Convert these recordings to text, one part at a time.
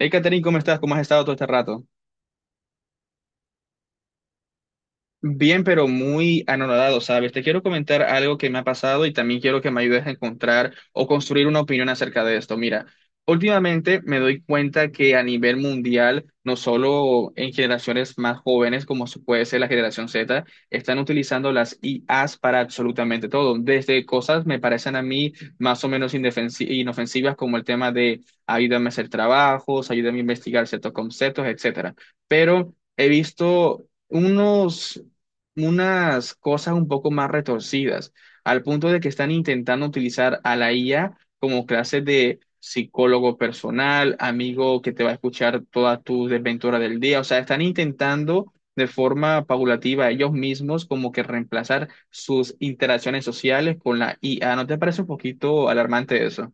Hey, Catherine, ¿cómo estás? ¿Cómo has estado todo este rato? Bien, pero muy anonadado, ¿sabes? Te quiero comentar algo que me ha pasado y también quiero que me ayudes a encontrar o construir una opinión acerca de esto. Mira, últimamente me doy cuenta que a nivel mundial, no solo en generaciones más jóvenes, como se puede ser la generación Z, están utilizando las IAs para absolutamente todo. Desde cosas me parecen a mí más o menos inofensivas como el tema de ayúdame a hacer trabajos, ayúdame a investigar ciertos conceptos, etcétera. Pero he visto unos unas cosas un poco más retorcidas, al punto de que están intentando utilizar a la IA como clase de psicólogo personal, amigo que te va a escuchar todas tus desventuras del día. O sea, están intentando de forma paulativa ellos mismos como que reemplazar sus interacciones sociales con la IA. ¿No te parece un poquito alarmante eso?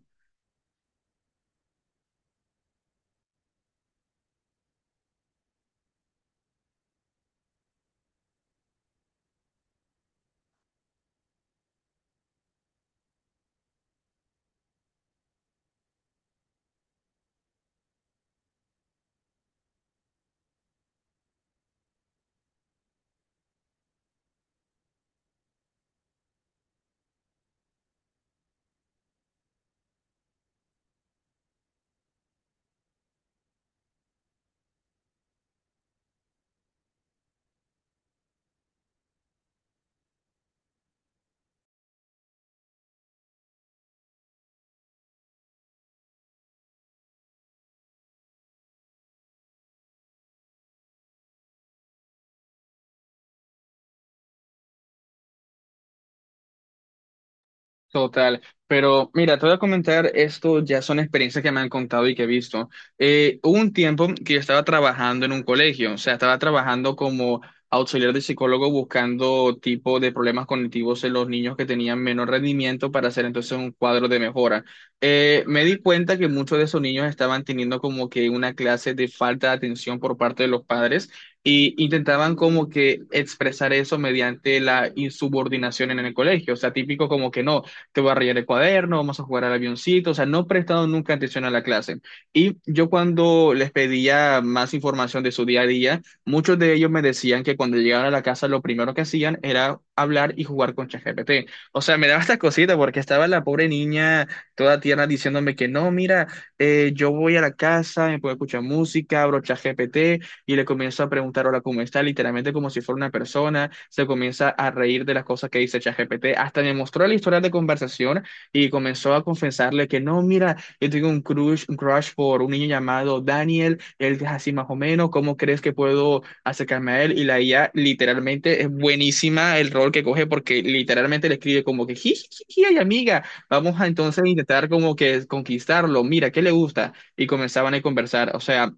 Total, pero mira, te voy a comentar esto, ya son experiencias que me han contado y que he visto. Hubo un tiempo que yo estaba trabajando en un colegio, o sea, estaba trabajando como auxiliar de psicólogo buscando tipo de problemas cognitivos en los niños que tenían menor rendimiento para hacer entonces un cuadro de mejora. Me di cuenta que muchos de esos niños estaban teniendo como que una clase de falta de atención por parte de los padres. Y intentaban como que expresar eso mediante la insubordinación en el colegio, o sea, típico como que no te voy a rayar el cuaderno, vamos a jugar al avioncito, o sea, no he prestado nunca atención a la clase. Y yo cuando les pedía más información de su día a día, muchos de ellos me decían que cuando llegaban a la casa lo primero que hacían era hablar y jugar con ChatGPT. O sea, me daba esta cosita porque estaba la pobre niña toda tierna diciéndome que no, mira, yo voy a la casa, me puedo escuchar música, abro ChatGPT y le comienza a preguntar, hola, ¿cómo está? Literalmente como si fuera una persona, se comienza a reír de las cosas que dice ChatGPT, hasta me mostró la historia de conversación y comenzó a confesarle que no, mira, yo tengo un crush por un niño llamado Daniel, él es así más o menos, ¿cómo crees que puedo acercarme a él? Y la IA literalmente es buenísima el rol que coge porque literalmente le escribe como que, jiji, ay amiga, vamos a entonces intentar como que conquistarlo, mira, ¿qué le gusta? Y comenzaban a conversar, o sea...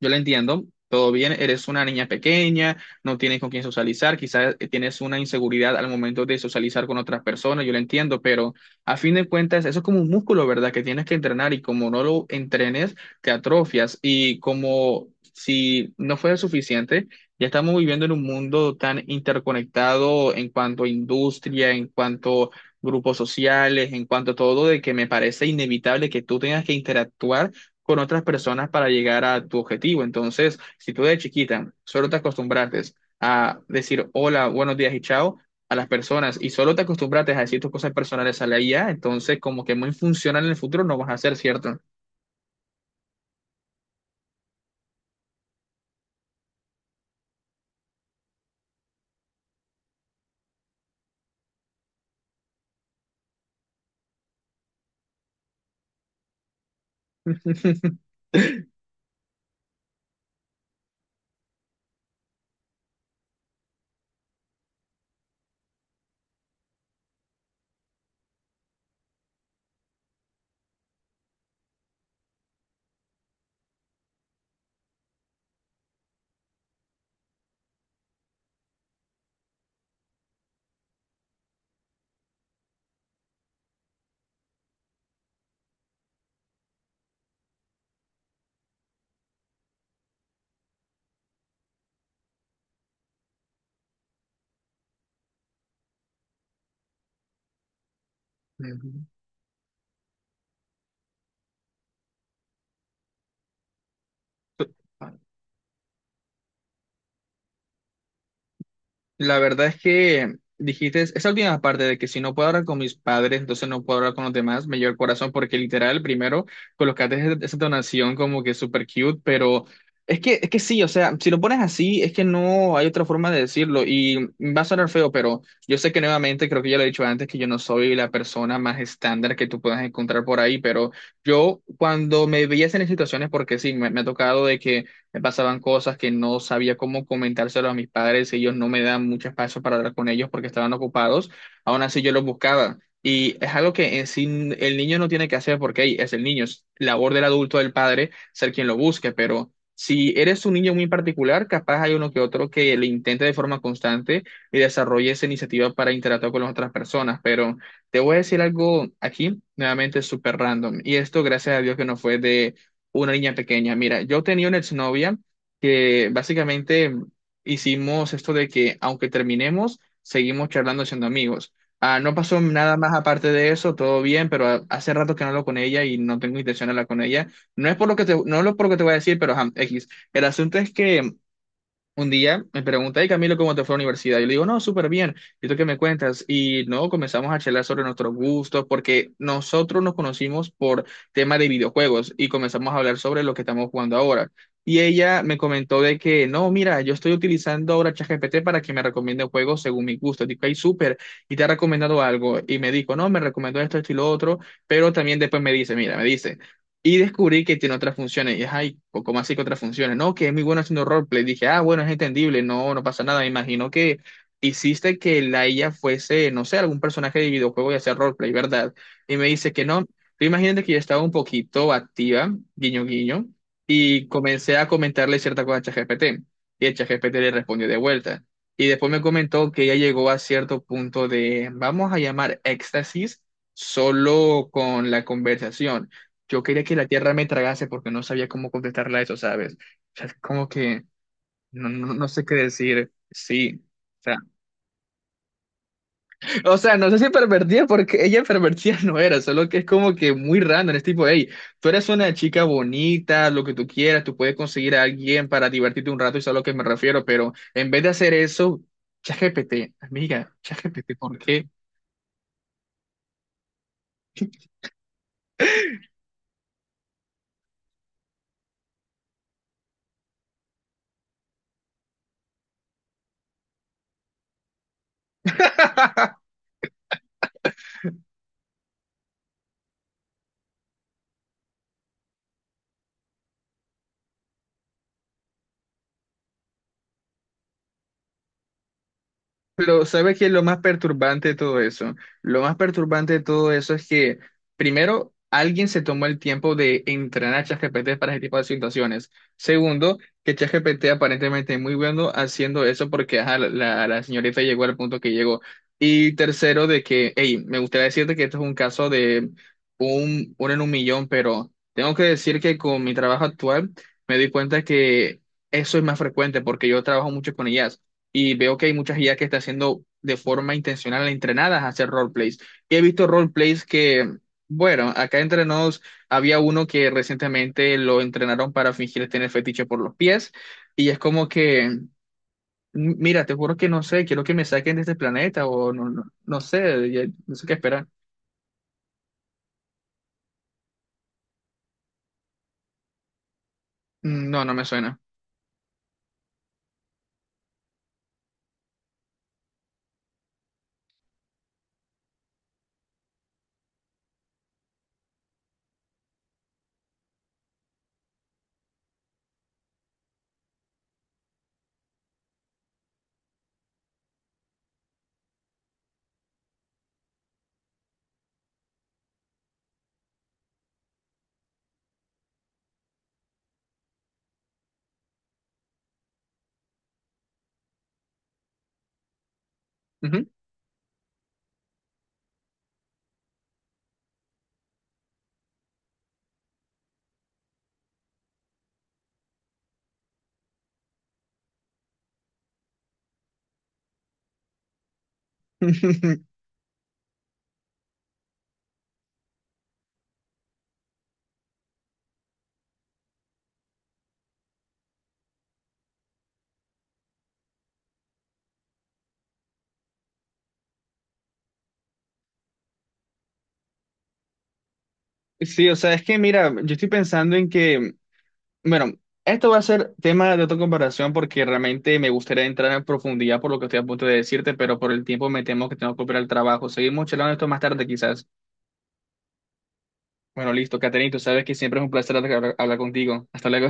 Yo la entiendo, todo bien, eres una niña pequeña, no tienes con quién socializar, quizás tienes una inseguridad al momento de socializar con otras personas, yo lo entiendo, pero a fin de cuentas eso es como un músculo, ¿verdad? Que tienes que entrenar y como no lo entrenes, te atrofias y como si no fuera suficiente, ya estamos viviendo en un mundo tan interconectado en cuanto a industria, en cuanto... a grupos sociales, en cuanto a todo, de que me parece inevitable que tú tengas que interactuar con otras personas para llegar a tu objetivo. Entonces, si tú de chiquita solo te acostumbraste a decir hola, buenos días y chao a las personas y solo te acostumbraste a decir tus cosas personales a la IA, entonces como que muy funcional en el futuro no vas a ser, ¿cierto? Ujú. La verdad es que dijiste esa última parte de que si no puedo hablar con mis padres, entonces no puedo hablar con los demás, me lleva el corazón porque literal, primero, colocaste esa entonación como que súper cute, pero es que sí, o sea, si lo pones así, es que no hay otra forma de decirlo y va a sonar feo, pero yo sé que nuevamente, creo que ya lo he dicho antes, que yo no soy la persona más estándar que tú puedas encontrar por ahí, pero yo cuando me veías en esas situaciones, porque sí, me ha tocado de que me pasaban cosas que no sabía cómo comentárselo a mis padres, ellos no me dan mucho espacio para hablar con ellos porque estaban ocupados, aún así yo los buscaba. Y es algo que en sí el niño no tiene que hacer porque hey, es el niño, es labor del adulto, del padre, ser quien lo busque, pero si eres un niño muy particular, capaz hay uno que otro que le intente de forma constante y desarrolle esa iniciativa para interactuar con las otras personas, pero te voy a decir algo aquí, nuevamente súper random, y esto gracias a Dios que no fue de una niña pequeña. Mira, yo tenía una exnovia que básicamente hicimos esto de que aunque terminemos, seguimos charlando siendo amigos. Ah, no pasó nada más aparte de eso, todo bien, pero hace rato que no hablo con ella y no tengo intención de hablar con ella. No es por lo que te, no es por lo que te voy a decir, pero ajá, X. El asunto es que un día me pregunta, y Camilo, ¿cómo te fue a la universidad? Yo le digo, no, súper bien. ¿Y tú qué me cuentas? Y no, comenzamos a charlar sobre nuestros gustos, porque nosotros nos conocimos por tema de videojuegos y comenzamos a hablar sobre lo que estamos jugando ahora. Y ella me comentó de que, no, mira, yo estoy utilizando ahora ChatGPT para que me recomiende juegos según mi gusto. Digo, ay, súper, y te ha recomendado algo. Y me dijo, no, me recomendó esto, esto y lo otro, pero también después me dice, mira, me dice. Y descubrí que tiene otras funciones. Y es, ay, ¿cómo así que otras funciones? No, que es muy bueno haciendo roleplay. Dije, ah, bueno, es entendible, no, no pasa nada. Me imagino que hiciste que la IA fuese, no sé, algún personaje de videojuego y hacer roleplay, ¿verdad? Y me dice que no. Tú imagínate que yo estaba un poquito activa, guiño, guiño, y comencé a comentarle cierta cosa a ChatGPT. Y el ChatGPT le respondió de vuelta. Y después me comentó que ella llegó a cierto punto de, vamos a llamar éxtasis solo con la conversación, yo quería que la tierra me tragase porque no sabía cómo contestarla a eso, ¿sabes? O sea, es como que no, no, no sé qué decir. Sí. O sea, o sea, no sé si pervertida porque ella pervertida no era, solo que es como que muy random. Es tipo, hey, tú eres una chica bonita, lo que tú quieras, tú puedes conseguir a alguien para divertirte un rato, eso es a lo que me refiero, pero en vez de hacer eso, ChatGPT, amiga, ChatGPT, ¿por qué? Pero ¿sabes qué es lo más perturbante de todo eso? Lo más perturbante de todo eso es que, primero, alguien se tomó el tiempo de entrenar a ChatGPT para ese tipo de situaciones. Segundo, que ChatGPT aparentemente es muy bueno haciendo eso porque ajá, la señorita llegó al punto que llegó. Y tercero, de que, hey, me gustaría decirte que esto es un caso de uno en un millón, pero tengo que decir que con mi trabajo actual me di cuenta que eso es más frecuente porque yo trabajo mucho con IA y veo que hay muchas IA que están haciendo de forma intencional entrenadas a hacer roleplays. Y he visto roleplays que, bueno, acá entre nos había uno que recientemente lo entrenaron para fingir tener fetiche por los pies y es como que, Mira, te juro que no sé, quiero que me saquen de este planeta o no, no, no sé, no sé qué esperar. Mm, no, no me suena. Ujú. Sí, o sea, es que mira, yo estoy pensando en que, bueno, esto va a ser tema de otra comparación porque realmente me gustaría entrar en profundidad por lo que estoy a punto de decirte, pero por el tiempo me temo que tengo que operar el trabajo. Seguimos charlando esto más tarde, quizás. Bueno, listo, Caterina, tú sabes que siempre es un placer hablar contigo. Hasta luego.